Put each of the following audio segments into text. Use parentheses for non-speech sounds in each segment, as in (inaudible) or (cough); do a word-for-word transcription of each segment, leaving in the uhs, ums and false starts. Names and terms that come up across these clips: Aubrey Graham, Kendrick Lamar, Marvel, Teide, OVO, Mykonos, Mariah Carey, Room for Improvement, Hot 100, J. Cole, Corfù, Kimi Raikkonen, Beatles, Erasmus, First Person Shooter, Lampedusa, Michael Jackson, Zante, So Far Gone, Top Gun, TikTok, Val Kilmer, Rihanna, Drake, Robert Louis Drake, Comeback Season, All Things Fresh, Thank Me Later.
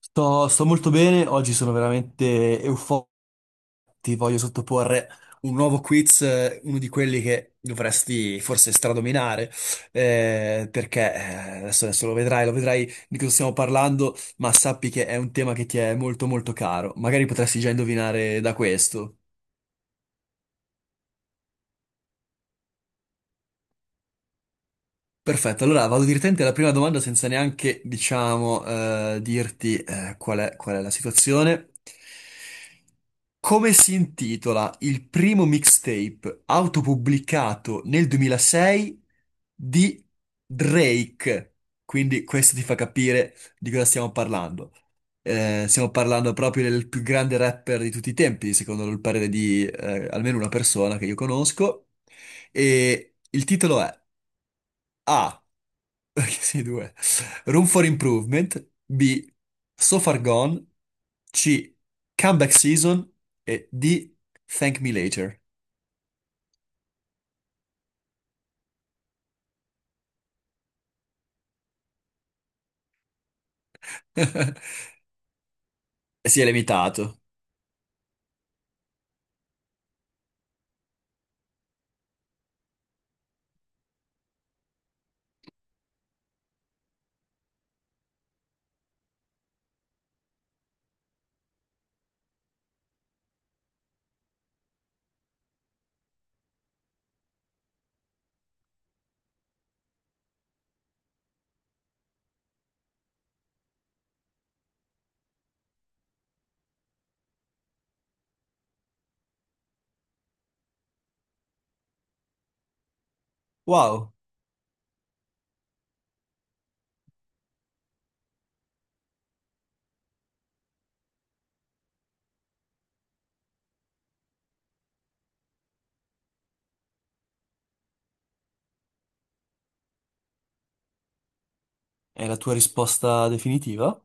Sto, sto molto bene, oggi sono veramente euforico. Ti voglio sottoporre un nuovo quiz, eh, uno di quelli che dovresti forse stradominare, eh, perché eh, adesso, adesso lo vedrai, lo vedrai di cosa stiamo parlando, ma sappi che è un tema che ti è molto molto caro. Magari potresti già indovinare da questo. Perfetto, allora vado direttamente alla prima domanda senza neanche, diciamo, eh, dirti eh, qual è, qual è la situazione. Come si intitola il primo mixtape autopubblicato nel duemilasei di Drake? Quindi questo ti fa capire di cosa stiamo parlando. Eh, stiamo parlando proprio del più grande rapper di tutti i tempi, secondo il parere di eh, almeno una persona che io conosco. E il titolo è a. (laughs) Sì, due. Room for Improvement. B. So Far Gone. C. Comeback Season. E D. Thank Me Later. (laughs) Si è limitato. Wow, è la tua risposta definitiva?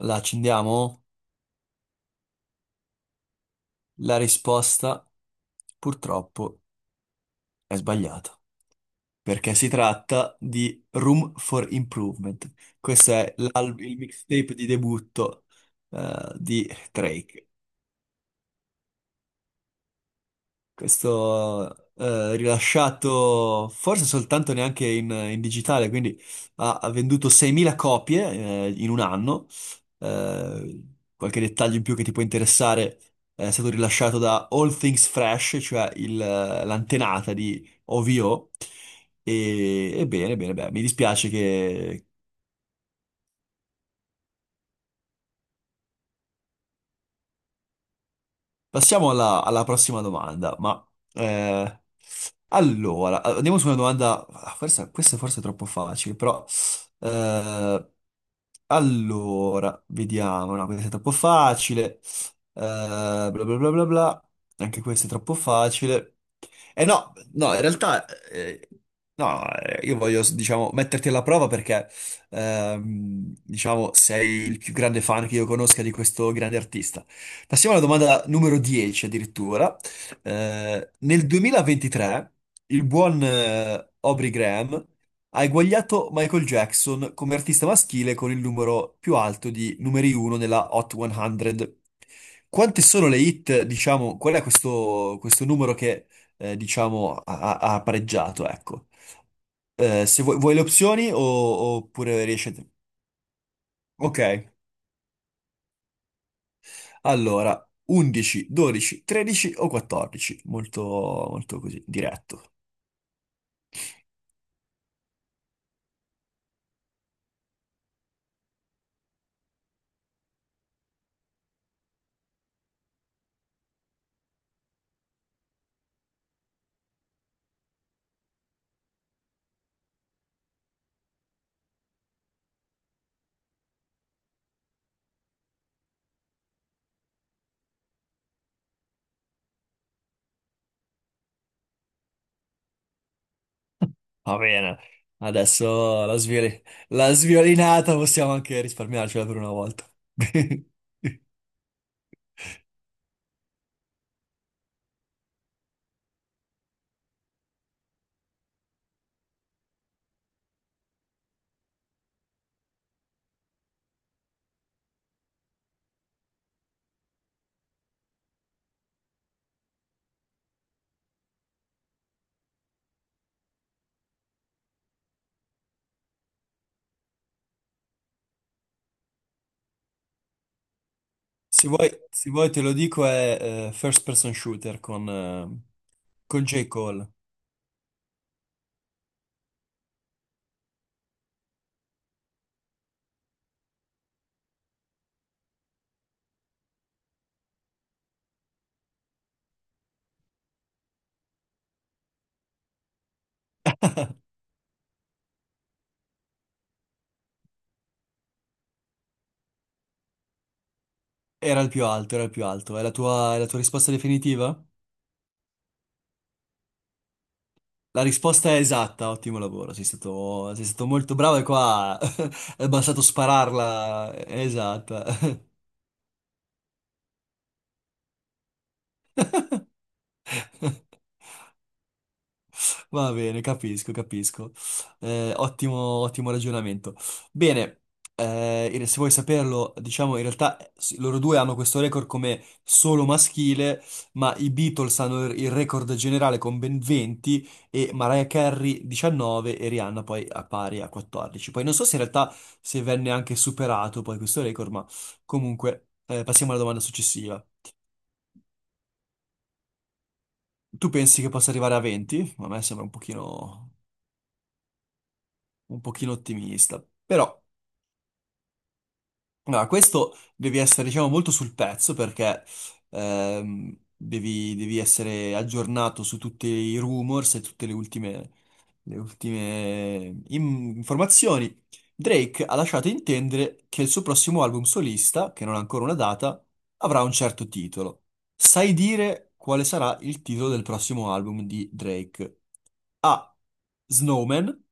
La accendiamo? La risposta purtroppo è sbagliata, perché si tratta di Room for Improvement. Questo è l'al- il mixtape di debutto eh, di Drake. Questo eh, rilasciato forse soltanto neanche in, in digitale, quindi ha, ha venduto seimila copie eh, in un anno. Eh, qualche dettaglio in più che ti può interessare eh, è stato rilasciato da All Things Fresh, cioè il- l'antenata di O V O. E, e bene, bene, beh, mi dispiace. Passiamo alla, alla prossima domanda, ma eh, allora, andiamo su una domanda, ah, forse- questa forse è forse troppo facile, però eh, allora, vediamo, no, questa è troppo facile, eh, bla bla bla bla bla, anche questa è troppo facile. Eh no, no, in realtà, eh, no, eh, io voglio, diciamo, metterti alla prova perché, ehm, diciamo, sei il più grande fan che io conosca di questo grande artista. Passiamo alla domanda numero dieci addirittura. Eh, nel duemilaventitré il buon eh, Aubrey Graham ha eguagliato Michael Jackson come artista maschile con il numero più alto di numeri uno nella Hot cento. Quante sono le hit, diciamo, qual è questo, questo numero che, eh, diciamo, ha, ha- ha pareggiato, ecco. Eh, se vuoi, vuoi le opzioni o- oppure riesci a... Ok. Allora, undici, dodici, tredici o quattordici? Molto, molto così, diretto. Va bene. Adesso la svioli- la sviolinata possiamo anche risparmiarcela per una volta. (laughs) Se vuoi, se vuoi te lo dico, è eh, First Person Shooter con, eh, con J. Cole. Era il più alto, era il più alto. È la tua, è la tua risposta definitiva? La risposta è esatta, ottimo lavoro, sei stato, sei stato molto bravo e qua (laughs) è bastato spararla. Esatta. (laughs) Va bene, capisco, capisco. Eh, ottimo, ottimo ragionamento. Bene, eh, se vuoi saperlo, diciamo in realtà eh, sì, loro due hanno questo record come solo maschile, ma i Beatles hanno il il record generale con ben venti e Mariah Carey diciannove e Rihanna poi a pari a quattordici. Poi non so se in realtà se venne anche superato poi questo record, ma comunque eh, passiamo alla domanda successiva. Tu pensi che possa arrivare a venti? A me sembra un pochino un pochino ottimista. Però, no, questo devi essere, diciamo, molto sul pezzo perché ehm, devi, devi essere aggiornato su tutti i rumors e tutte le ultime, le ultime im- informazioni. Drake ha lasciato intendere che il suo prossimo album solista, che non ha ancora una data, avrà un certo titolo. Sai dire quale sarà il titolo del prossimo album di Drake? A. Snowman,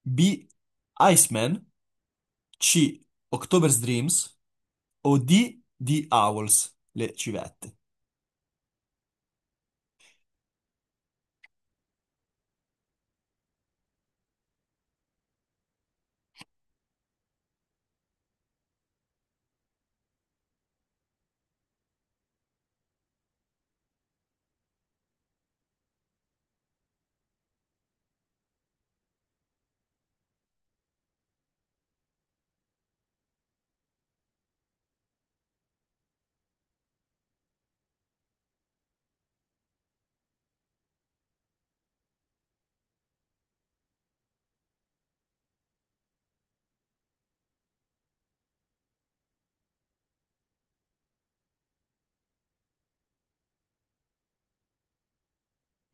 B. Iceman, C. October's Dreams o D. The Owls, le civette.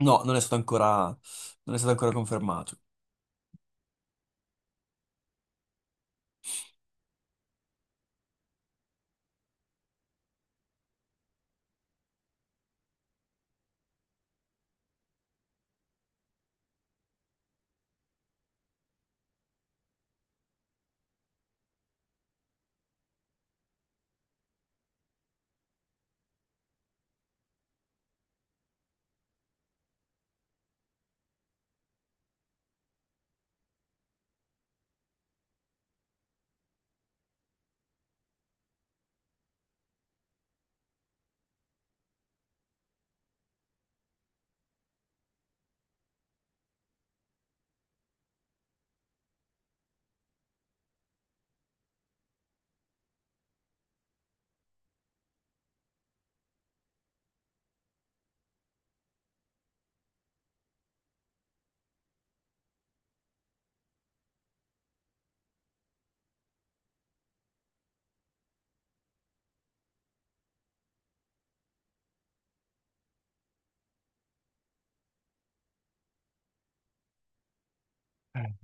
No, non è stato ancora, non è stato ancora confermato.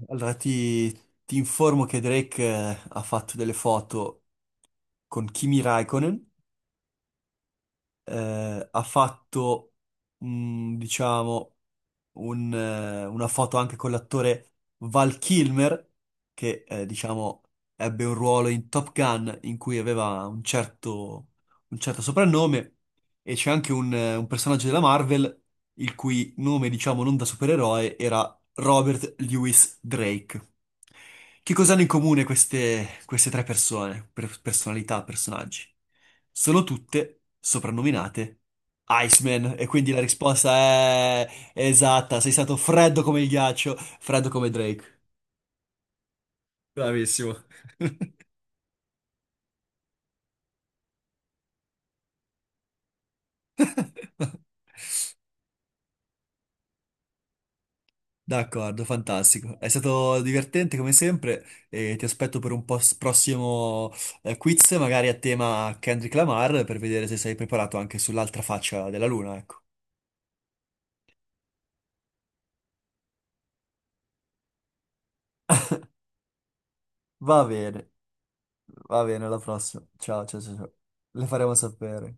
Allora ti, ti informo che Drake eh, ha fatto delle foto con Kimi Raikkonen, eh, ha fatto, mm, diciamo, un, eh, una foto anche con l'attore Val Kilmer, che eh, diciamo ebbe un ruolo in Top Gun in cui aveva un certo, un certo soprannome, e c'è anche un, eh, un personaggio della Marvel il cui nome, diciamo, non da supereroe era Robert Louis Drake. Che cosa hanno in comune queste, queste tre persone, per- personalità, personaggi? Sono tutte soprannominate Iceman, e quindi la risposta è esatta, sei stato freddo come il ghiaccio, freddo come Drake. Bravissimo. (laughs) D'accordo, fantastico. È stato divertente come sempre e ti aspetto per un pos- prossimo eh, quiz, magari a tema Kendrick Lamar, per vedere se sei preparato anche sull'altra faccia della luna, ecco. Va bene, va bene, alla prossima. Ciao, ciao, ciao. Ciao. Le faremo sapere.